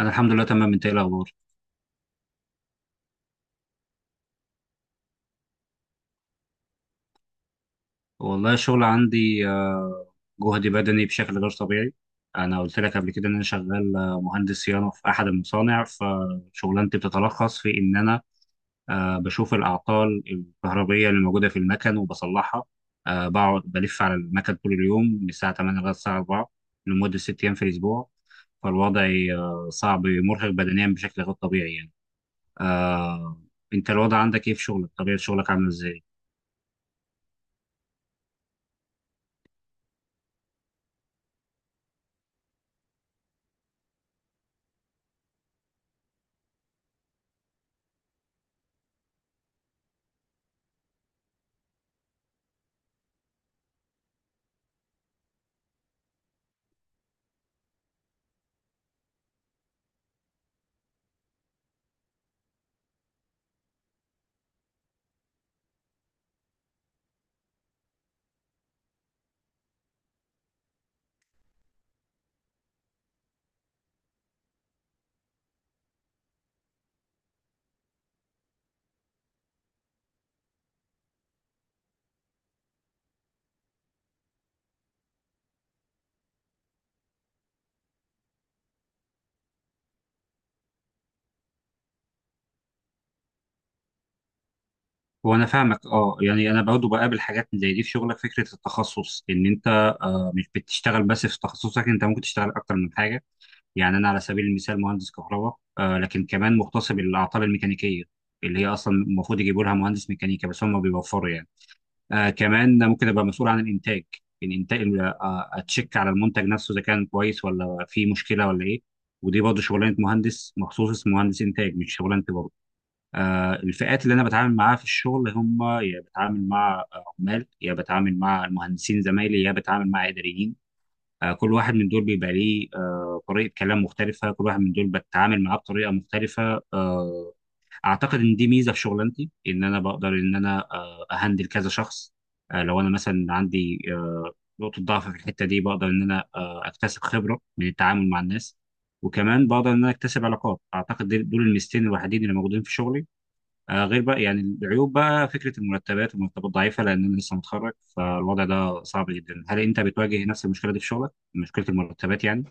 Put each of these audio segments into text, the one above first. انا الحمد لله تمام. انت ايه الاخبار؟ والله الشغل عندي، جهد بدني بشكل غير طبيعي. انا قلت لك قبل كده ان انا شغال مهندس صيانه في احد المصانع، فشغلانتي بتتلخص في ان انا بشوف الاعطال الكهربائيه اللي موجوده في المكن وبصلحها. بقعد بلف على المكن طول اليوم من الساعه 8 لغايه الساعه 4 لمده 6 ايام في الاسبوع، فالوضع صعب، مرهق بدنيا بشكل غير طبيعي يعني. آه، انت الوضع عندك ايه في شغلك؟ طبيعه شغلك عامله ازاي؟ هو انا فاهمك، اه، يعني انا برضه بقابل حاجات زي دي في شغلك. فكره التخصص ان انت مش بتشتغل بس في تخصصك، انت ممكن تشتغل اكتر من حاجه. يعني انا على سبيل المثال مهندس كهرباء، لكن كمان مختص بالاعطال الميكانيكيه اللي هي اصلا المفروض يجيبوا لها مهندس ميكانيكا، بس هم بيوفروا يعني. كمان ممكن ابقى مسؤول عن الانتاج، الانتاج، اتشيك على المنتج نفسه اذا كان كويس ولا فيه مشكله ولا ايه. ودي برضه شغلانه مهندس مخصوص، اسمه مهندس انتاج، مش شغلانتي برضه. الفئات اللي انا بتعامل معاها في الشغل، هم يا بتعامل مع عمال، يا بتعامل مع المهندسين زمايلي، يا بتعامل مع اداريين. كل واحد من دول بيبقى ليه طريقه كلام مختلفه، كل واحد من دول بتعامل معاه بطريقه مختلفه. اعتقد ان دي ميزه في شغلانتي، ان انا بقدر ان انا اهندل كذا شخص. لو انا مثلا عندي نقطه ضعف في الحته دي، بقدر ان انا اكتسب خبره من التعامل مع الناس، وكمان بقدر ان انا اكتسب علاقات. اعتقد دول الميزتين الوحيدين اللي موجودين في شغلي. غير بقى يعني العيوب بقى، فكرة المرتبات ضعيفة لأن أنا لسه متخرج، فالوضع ده صعب جدا. هل أنت بتواجه نفس المشكلة دي في شغلك؟ مشكلة المرتبات يعني؟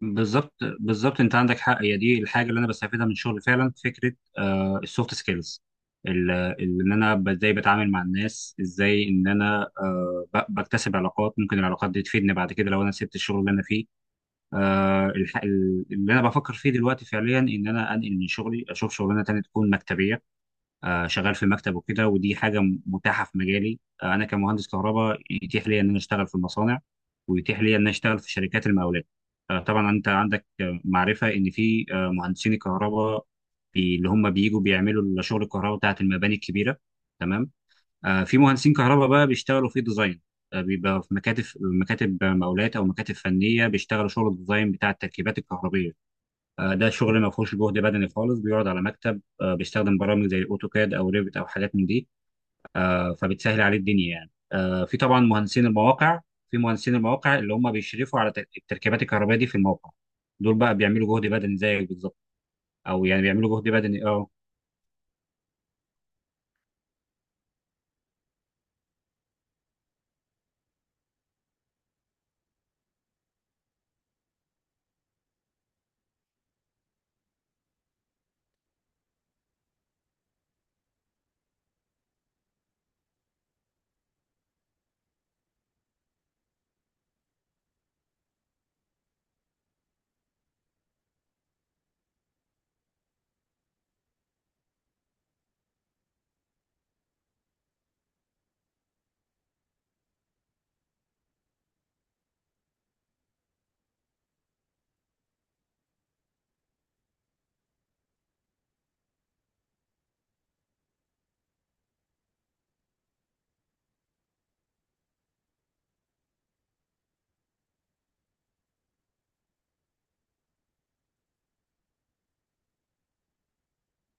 بالظبط، بالظبط، أنت عندك حق. هي دي الحاجة اللي أنا بستفيدها من شغلي فعلا، فكرة السوفت سكيلز. إن أنا إزاي بتعامل مع الناس، إزاي إن أنا بكتسب علاقات، ممكن العلاقات دي تفيدني بعد كده لو أنا سبت الشغل اللي أنا فيه. آه الح- اللي أنا بفكر فيه دلوقتي فعليا إن أنا أنقل من شغلي، أشوف شغلانة تانية تكون مكتبية، شغال في المكتب وكده. ودي حاجه متاحه في مجالي. انا كمهندس كهرباء يتيح لي ان انا اشتغل في المصانع، ويتيح لي ان انا اشتغل في شركات المقاولات. طبعا انت عندك معرفه ان في مهندسين الكهرباء اللي هم بييجوا بيعملوا شغل الكهرباء بتاعت المباني الكبيره، تمام. في مهندسين كهرباء بقى بيشتغلوا في ديزاين، بيبقى في مكاتب مقاولات او مكاتب فنيه، بيشتغلوا شغل الديزاين بتاع التركيبات الكهربيه. ده شغل ما فيهوش جهد بدني خالص، بيقعد على مكتب، بيستخدم برامج زي الاوتوكاد او ريفت او حاجات من دي، فبتسهل عليه الدنيا يعني. في طبعا مهندسين المواقع، في مهندسين المواقع اللي هم بيشرفوا على التركيبات الكهربائيه دي في الموقع، دول بقى بيعملوا جهد بدني زيك بالظبط، او يعني بيعملوا جهد بدني، اه.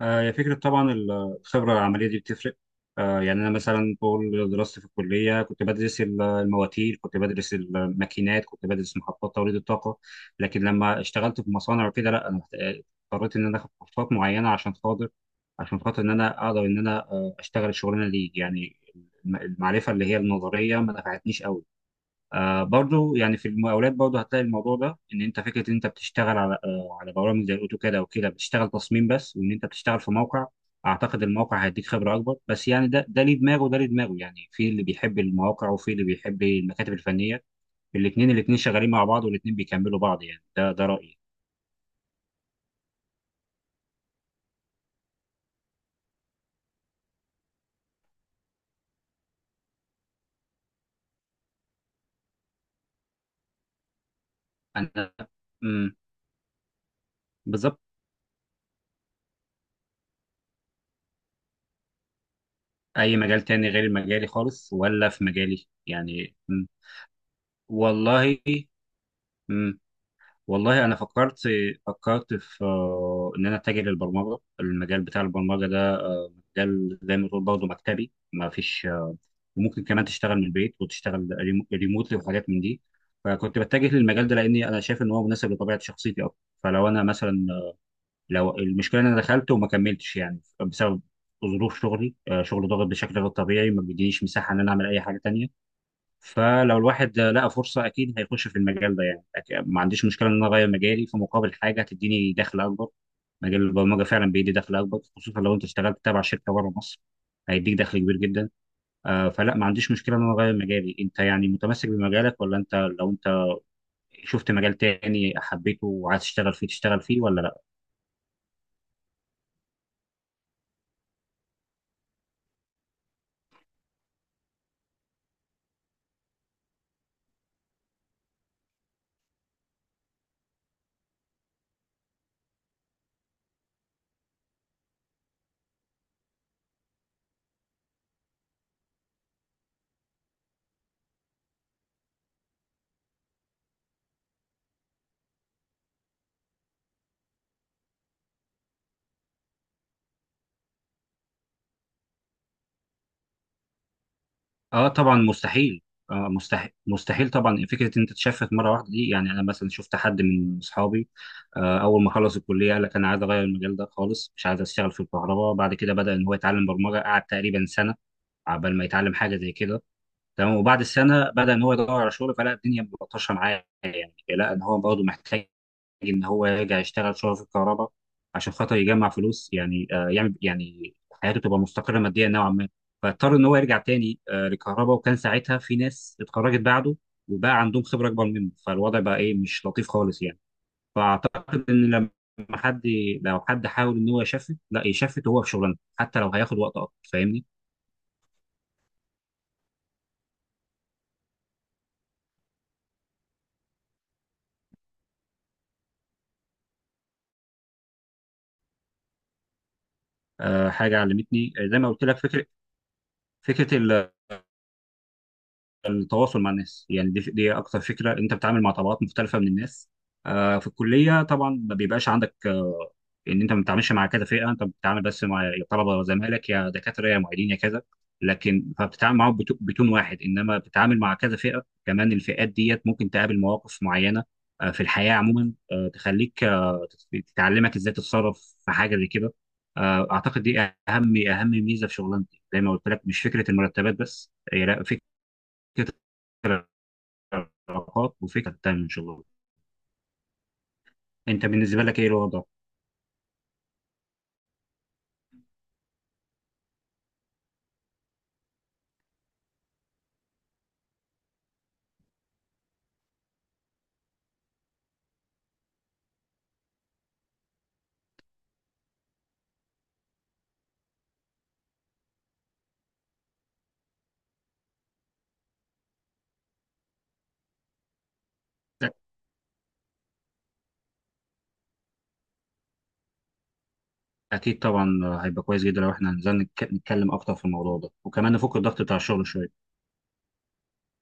هي فكرة طبعا الخبرة العملية دي بتفرق. يعني أنا مثلا طول دراستي في الكلية كنت بدرس المواتير، كنت بدرس الماكينات، كنت بدرس محطات توليد الطاقة. لكن لما اشتغلت في مصانع وكده، لا، أنا اضطريت إن أنا آخد كورسات معينة عشان خاطر إن أنا أقدر إن أنا أشتغل الشغلانة دي، يعني المعرفة اللي هي النظرية ما نفعتنيش قوي. برضو يعني في المقاولات برضو هتلاقي الموضوع ده، ان انت فكره ان انت بتشتغل على على برامج زي الاوتوكاد او كده، بتشتغل تصميم بس، وان انت بتشتغل في موقع. اعتقد الموقع هيديك خبره اكبر، بس يعني ده ليه دماغه وده ليه دماغه، يعني في اللي بيحب المواقع وفي اللي بيحب المكاتب الفنيه. الاثنين شغالين مع بعض، والاثنين بيكملوا بعض يعني. ده رايي انا. امم. بالظبط. اي مجال تاني غير مجالي خالص، ولا في مجالي يعني؟ مم. والله. مم. والله انا فكرت في ان انا اتجه للبرمجه، المجال بتاع البرمجه ده. مجال زي ما تقول برضه مكتبي، ما فيش وممكن كمان تشتغل من البيت وتشتغل ريموتلي وحاجات من دي. فكنت بتجه للمجال ده لاني انا شايف ان هو مناسب لطبيعه شخصيتي اكتر. فلو انا مثلا آه، لو المشكله ان انا دخلت وما كملتش يعني بسبب ظروف شغلي، شغل ضاغط بشكل غير طبيعي، ما بيدينيش مساحه ان انا اعمل اي حاجه تانيه. فلو الواحد لقى فرصة أكيد هيخش في المجال ده يعني. ما عنديش مشكلة إن أنا أغير مجالي في مقابل حاجة هتديني دخل أكبر. مجال البرمجة فعلا بيدي دخل أكبر، خصوصا لو أنت اشتغلت تبع شركة بره مصر، هيديك دخل كبير جدا. فلا، ما عنديش مشكلة إن أنا أغير مجالي. أنت يعني متمسك بمجالك، ولا أنت لو أنت شفت مجال تاني حبيته وعايز تشتغل فيه تشتغل فيه، ولا؟ اه طبعا، مستحيل. مستحيل، مستحيل طبعا. فكره ان انت تشفت مره واحده دي، يعني انا مثلا شفت حد من اصحابي، اول ما خلص الكليه قال لك انا عايز اغير المجال ده خالص، مش عايز اشتغل في الكهرباء. بعد كده بدا ان هو يتعلم برمجه، قعد تقريبا سنه عبال ما يتعلم حاجه زي كده، تمام. وبعد السنه بدا ان هو يدور على شغل، فلقى الدنيا ملطشه معاه، لا، ان هو برضه محتاج ان هو يرجع يشتغل شغل في الكهرباء عشان خاطر يجمع فلوس، يعني يعمل يعني حياته تبقى مستقره ماديا نوعا ما. فاضطر ان هو يرجع تاني للكهرباء، وكان ساعتها في ناس اتخرجت بعده وبقى عندهم خبره اكبر منه، فالوضع بقى ايه، مش لطيف خالص يعني. فاعتقد ان لما حد لو حد حاول ان هو يشفت، لا يشفت وهو في شغلانته حتى لو هياخد وقت اكتر، فاهمني. حاجه علمتني زي ما قلت لك فكره التواصل مع الناس، يعني دي اكتر فكره. انت بتتعامل مع طبقات مختلفه من الناس. في الكليه طبعا ما بيبقاش عندك ان انت ما بتتعاملش مع كذا فئه، انت بتتعامل بس مع يا طلبه زمايلك، يا دكاتره، يا معيدين، يا كذا، لكن فبتتعامل معاهم بتون واحد. انما بتتعامل مع كذا فئه كمان، الفئات ديت ممكن تقابل مواقف معينه في الحياه عموما تخليك تتعلمك ازاي تتصرف في حاجه زي كده. اعتقد دي اهم، اهم ميزه في شغلانتي، زي ما قلت لك، مش فكره المرتبات بس هي، لا، فكره علاقات وفكره تانية ان شاء الله. انت بالنسبه لك ايه الوضع؟ اكيد طبعا. هيبقى كويس جدا لو احنا نزلنا نتكلم اكتر في الموضوع ده، وكمان نفك الضغط بتاع الشغل شويه.